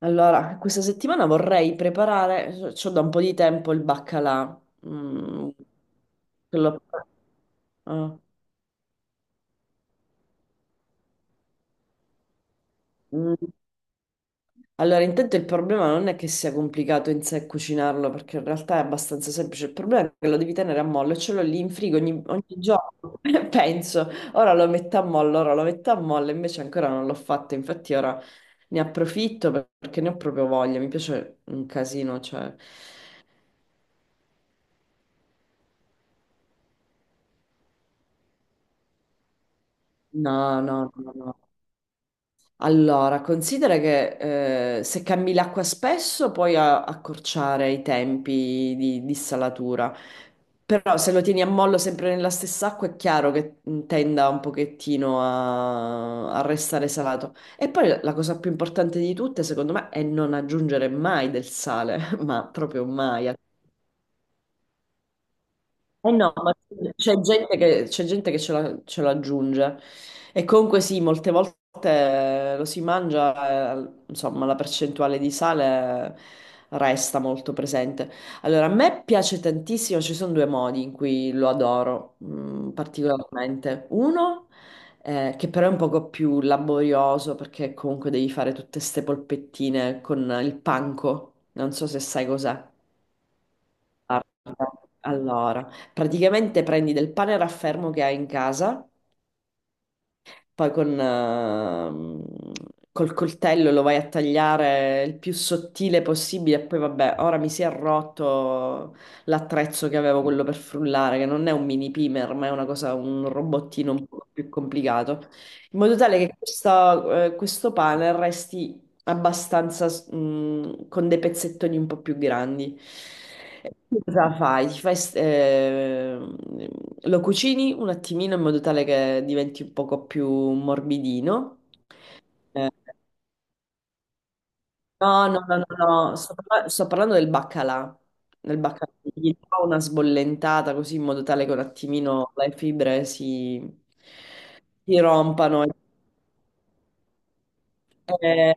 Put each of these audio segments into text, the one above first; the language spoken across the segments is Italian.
Allora, questa settimana vorrei preparare, c'ho da un po' di tempo il baccalà. Mm. quello- ah, mm. Allora, intanto il problema non è che sia complicato in sé cucinarlo, perché in realtà è abbastanza semplice. Il problema è che lo devi tenere a mollo e ce l'ho lì in frigo ogni giorno. Penso, ora lo metto a mollo, ora lo metto a mollo, invece ancora non l'ho fatto. Infatti ora ne approfitto perché ne ho proprio voglia. Mi piace un casino, cioè... No, no, no, no, no. Allora, considera che se cambi l'acqua spesso puoi accorciare i tempi di salatura, però se lo tieni a mollo sempre nella stessa acqua è chiaro che tenda un pochettino a restare salato. E poi la cosa più importante di tutte, secondo me, è non aggiungere mai del sale, ma proprio mai. Eh no, ma c'è gente che ce l'aggiunge e comunque sì, molte volte lo si mangia, insomma, la percentuale di sale resta molto presente. Allora, a me piace tantissimo, ci sono due modi in cui lo adoro particolarmente. Uno, che però è un poco più laborioso perché comunque devi fare tutte ste polpettine con il panco, non so se sai cos'è. Guarda, allora, praticamente prendi del pane raffermo che hai in casa, poi col coltello lo vai a tagliare il più sottile possibile, e poi vabbè, ora mi si è rotto l'attrezzo che avevo, quello per frullare, che non è un mini pimer, ma è una cosa, un robottino un po' più complicato, in modo tale che questo pane resti abbastanza con dei pezzettoni un po' più grandi. E tu, cosa fai? Lo cucini un attimino in modo tale che diventi un poco più morbidino. Eh, no, no, no, no, no, sto parlando del baccalà. Nel baccalà gli do una sbollentata così in modo tale che un attimino le fibre si rompano.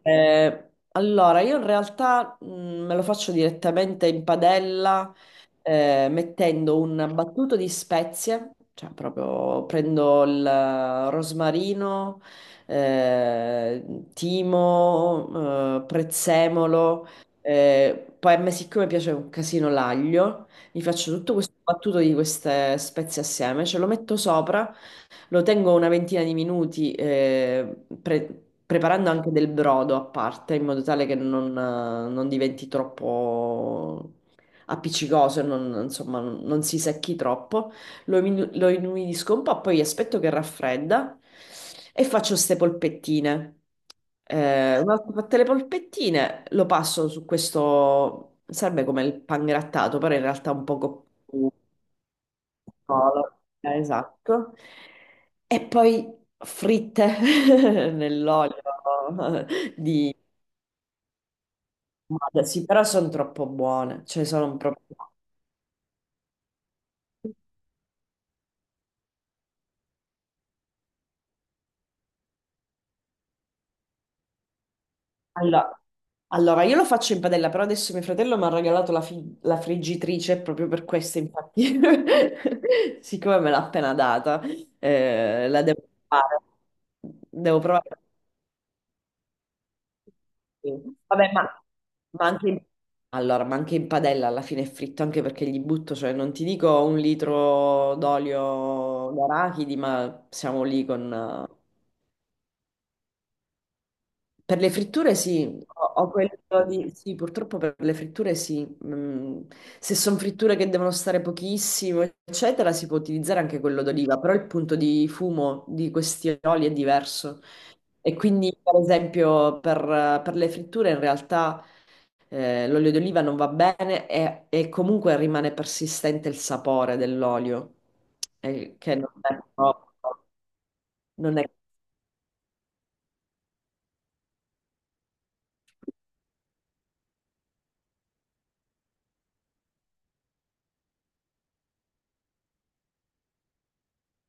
Allora, io in realtà me lo faccio direttamente in padella, mettendo un battuto di spezie, cioè proprio prendo il rosmarino, eh, timo, prezzemolo, poi a me siccome piace un casino l'aglio, mi faccio tutto questo battuto di queste spezie assieme, ce lo metto sopra. Lo tengo una ventina di minuti, preparando anche del brodo a parte, in modo tale che non diventi troppo appiccicoso e non, insomma, non si secchi troppo. Lo inumidisco un po', poi aspetto che raffredda e faccio queste polpettine. Una volta fatte le polpettine, lo passo su questo, serve come il pangrattato, però in realtà un poco più. Solo. Esatto. E poi fritte nell'olio di... Vabbè, sì, però sono troppo buone, cioè sono proprio... Allora, io lo faccio in padella, però adesso mio fratello mi ha regalato la friggitrice proprio per questo, infatti, siccome me l'ha appena data, la devo provare. Devo provare. Sì. Vabbè, ma anche in... Allora, ma anche in padella alla fine è fritto, anche perché gli butto, cioè non ti dico un litro d'olio d'arachidi, ma siamo lì con... Per le fritture sì, ho quello di... Sì, purtroppo per le fritture sì. Se sono fritture che devono stare pochissimo, eccetera, si può utilizzare anche quello d'oliva, però il punto di fumo di questi oli è diverso. E quindi, per esempio, per le fritture in realtà l'olio d'oliva non va bene, e comunque rimane persistente il sapore dell'olio, che non è proprio... Non è.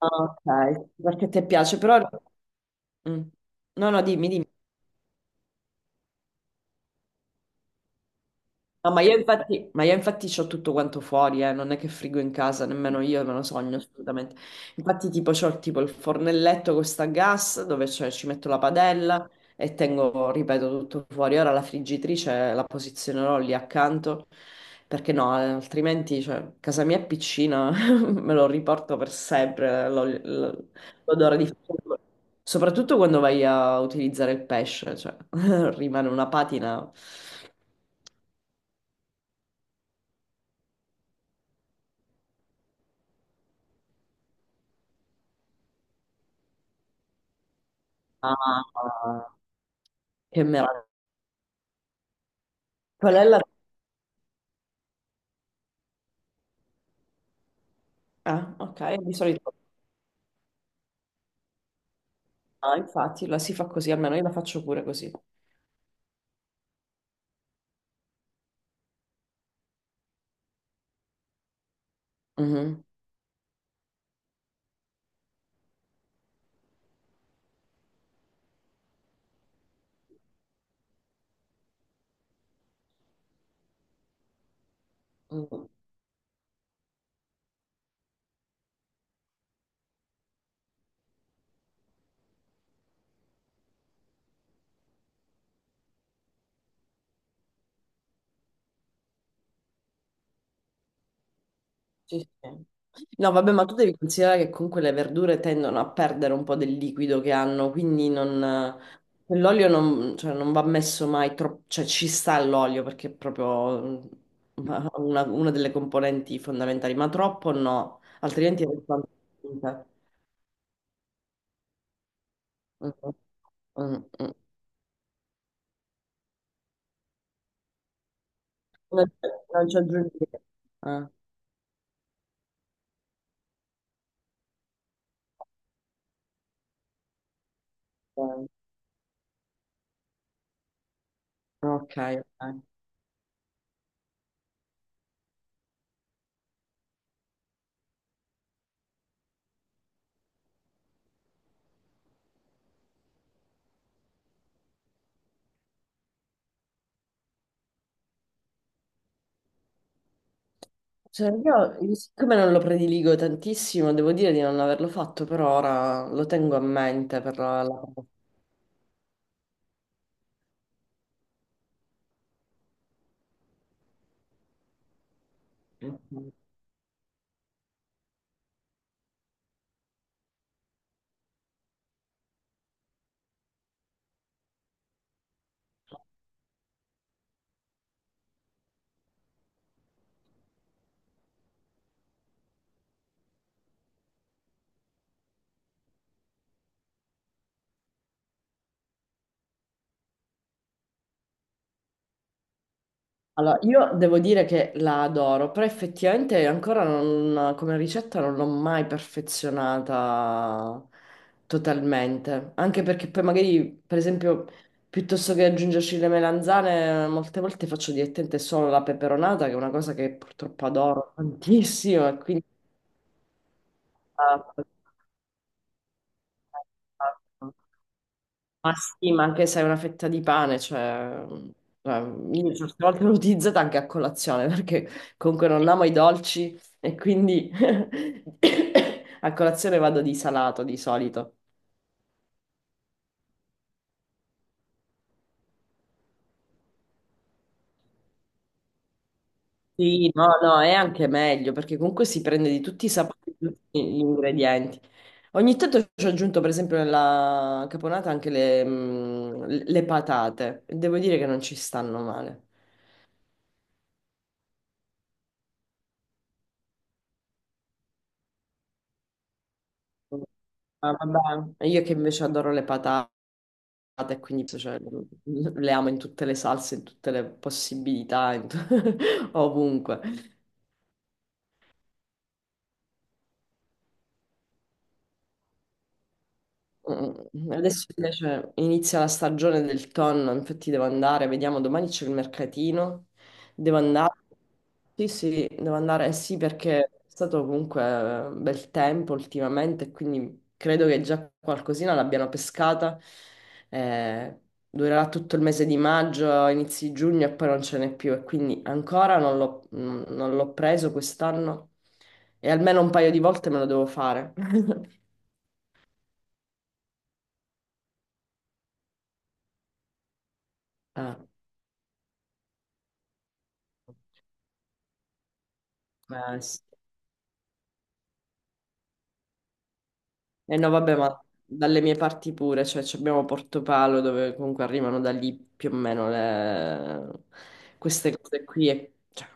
Ah, ok, perché ti piace, però... Mm. No, no, dimmi, dimmi. No, ma io infatti c'ho tutto quanto fuori, non è che frigo in casa, nemmeno io me lo sogno assolutamente. Infatti tipo c'ho tipo il fornelletto con sta gas dove ci metto la padella e tengo, ripeto, tutto fuori. Ora la friggitrice la posizionerò lì accanto perché no, altrimenti cioè, casa mia è piccina, me lo riporto per sempre l'odore di frigo. Soprattutto quando vai a utilizzare il pesce, cioè rimane una patina. Ah, che meraviglia. Qual è la... Ah, ok, di solito. Ah, infatti, la si fa così, almeno io la faccio pure così. Mhm. Mm, sì, sì. No, vabbè, ma tu devi considerare che comunque le verdure tendono a perdere un po' del liquido che hanno, quindi non... L'olio non, cioè, non va messo mai troppo, cioè ci sta l'olio perché è proprio una delle componenti fondamentali, ma troppo no, altrimenti è soltanto. Mhm. Mm, mm, mm. Non c'è aggiungere. Ah, ok, ok, ok. Cioè, io, siccome non lo prediligo tantissimo, devo dire di non averlo fatto per ora, lo tengo a mente per la. Allora, io devo dire che la adoro, però effettivamente ancora come ricetta non l'ho mai perfezionata totalmente, anche perché poi magari, per esempio, piuttosto che aggiungerci le melanzane, molte volte faccio direttamente solo la peperonata, che è una cosa che purtroppo adoro tantissimo, e quindi... Ma sì, ma anche se è una fetta di pane, cioè, cioè, io certe volte l'ho utilizzata anche a colazione, perché comunque non amo i dolci, e quindi a colazione vado di salato di solito. Sì, no, no, è anche meglio, perché comunque si prende di tutti i sapori, di tutti gli ingredienti. Ogni tanto ci ho aggiunto, per esempio, nella caponata anche le patate, e devo dire che non ci stanno male. Ah, vabbè. Io che invece adoro le patate. E quindi, cioè, le amo in tutte le salse, in tutte le possibilità, ovunque. Adesso invece inizia la stagione del tonno, infatti devo andare, vediamo, domani c'è il mercatino, devo andare, sì sì, devo andare, eh sì, perché è stato comunque bel tempo ultimamente, quindi credo che già qualcosina l'abbiano pescata. Eh, durerà tutto il mese di maggio, inizi giugno, e poi non ce n'è più, e quindi ancora non l'ho preso quest'anno e almeno un paio di volte me lo devo fare. Ah, sì. Eh no, vabbè, ma dalle mie parti pure, cioè ci abbiamo Portopalo, dove comunque arrivano da lì più o meno queste cose qui. Cioè.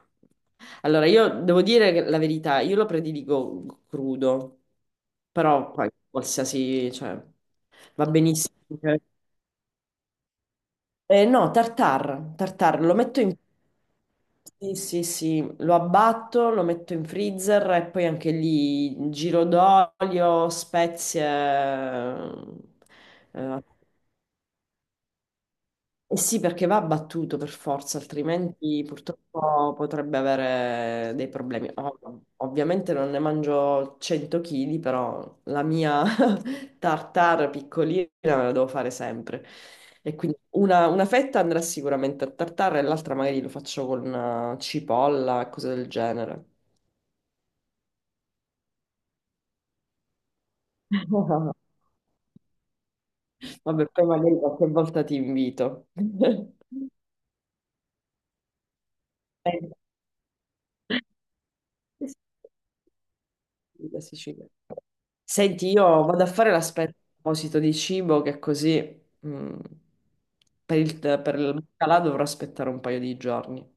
Allora, io devo dire che, la verità, io lo prediligo crudo, però poi qualsiasi, cioè, va benissimo, eh, no, tartar, tartar, lo metto in... Sì, sì, sì, lo abbatto, lo metto in freezer, e poi anche lì giro d'olio, spezie... Eh sì, perché va abbattuto per forza, altrimenti purtroppo potrebbe avere dei problemi. Ovviamente non ne mangio 100 kg, però la mia tartare piccolina me la devo fare sempre. E quindi una fetta andrà sicuramente a tartare e l'altra magari lo faccio con cipolla e cose del genere. Vabbè, poi magari qualche volta ti invito. Eh, sì, sì, la Sicilia. Senti, io vado a fare l'aspetto a proposito di cibo, che così per il baccalà dovrò aspettare un paio di giorni.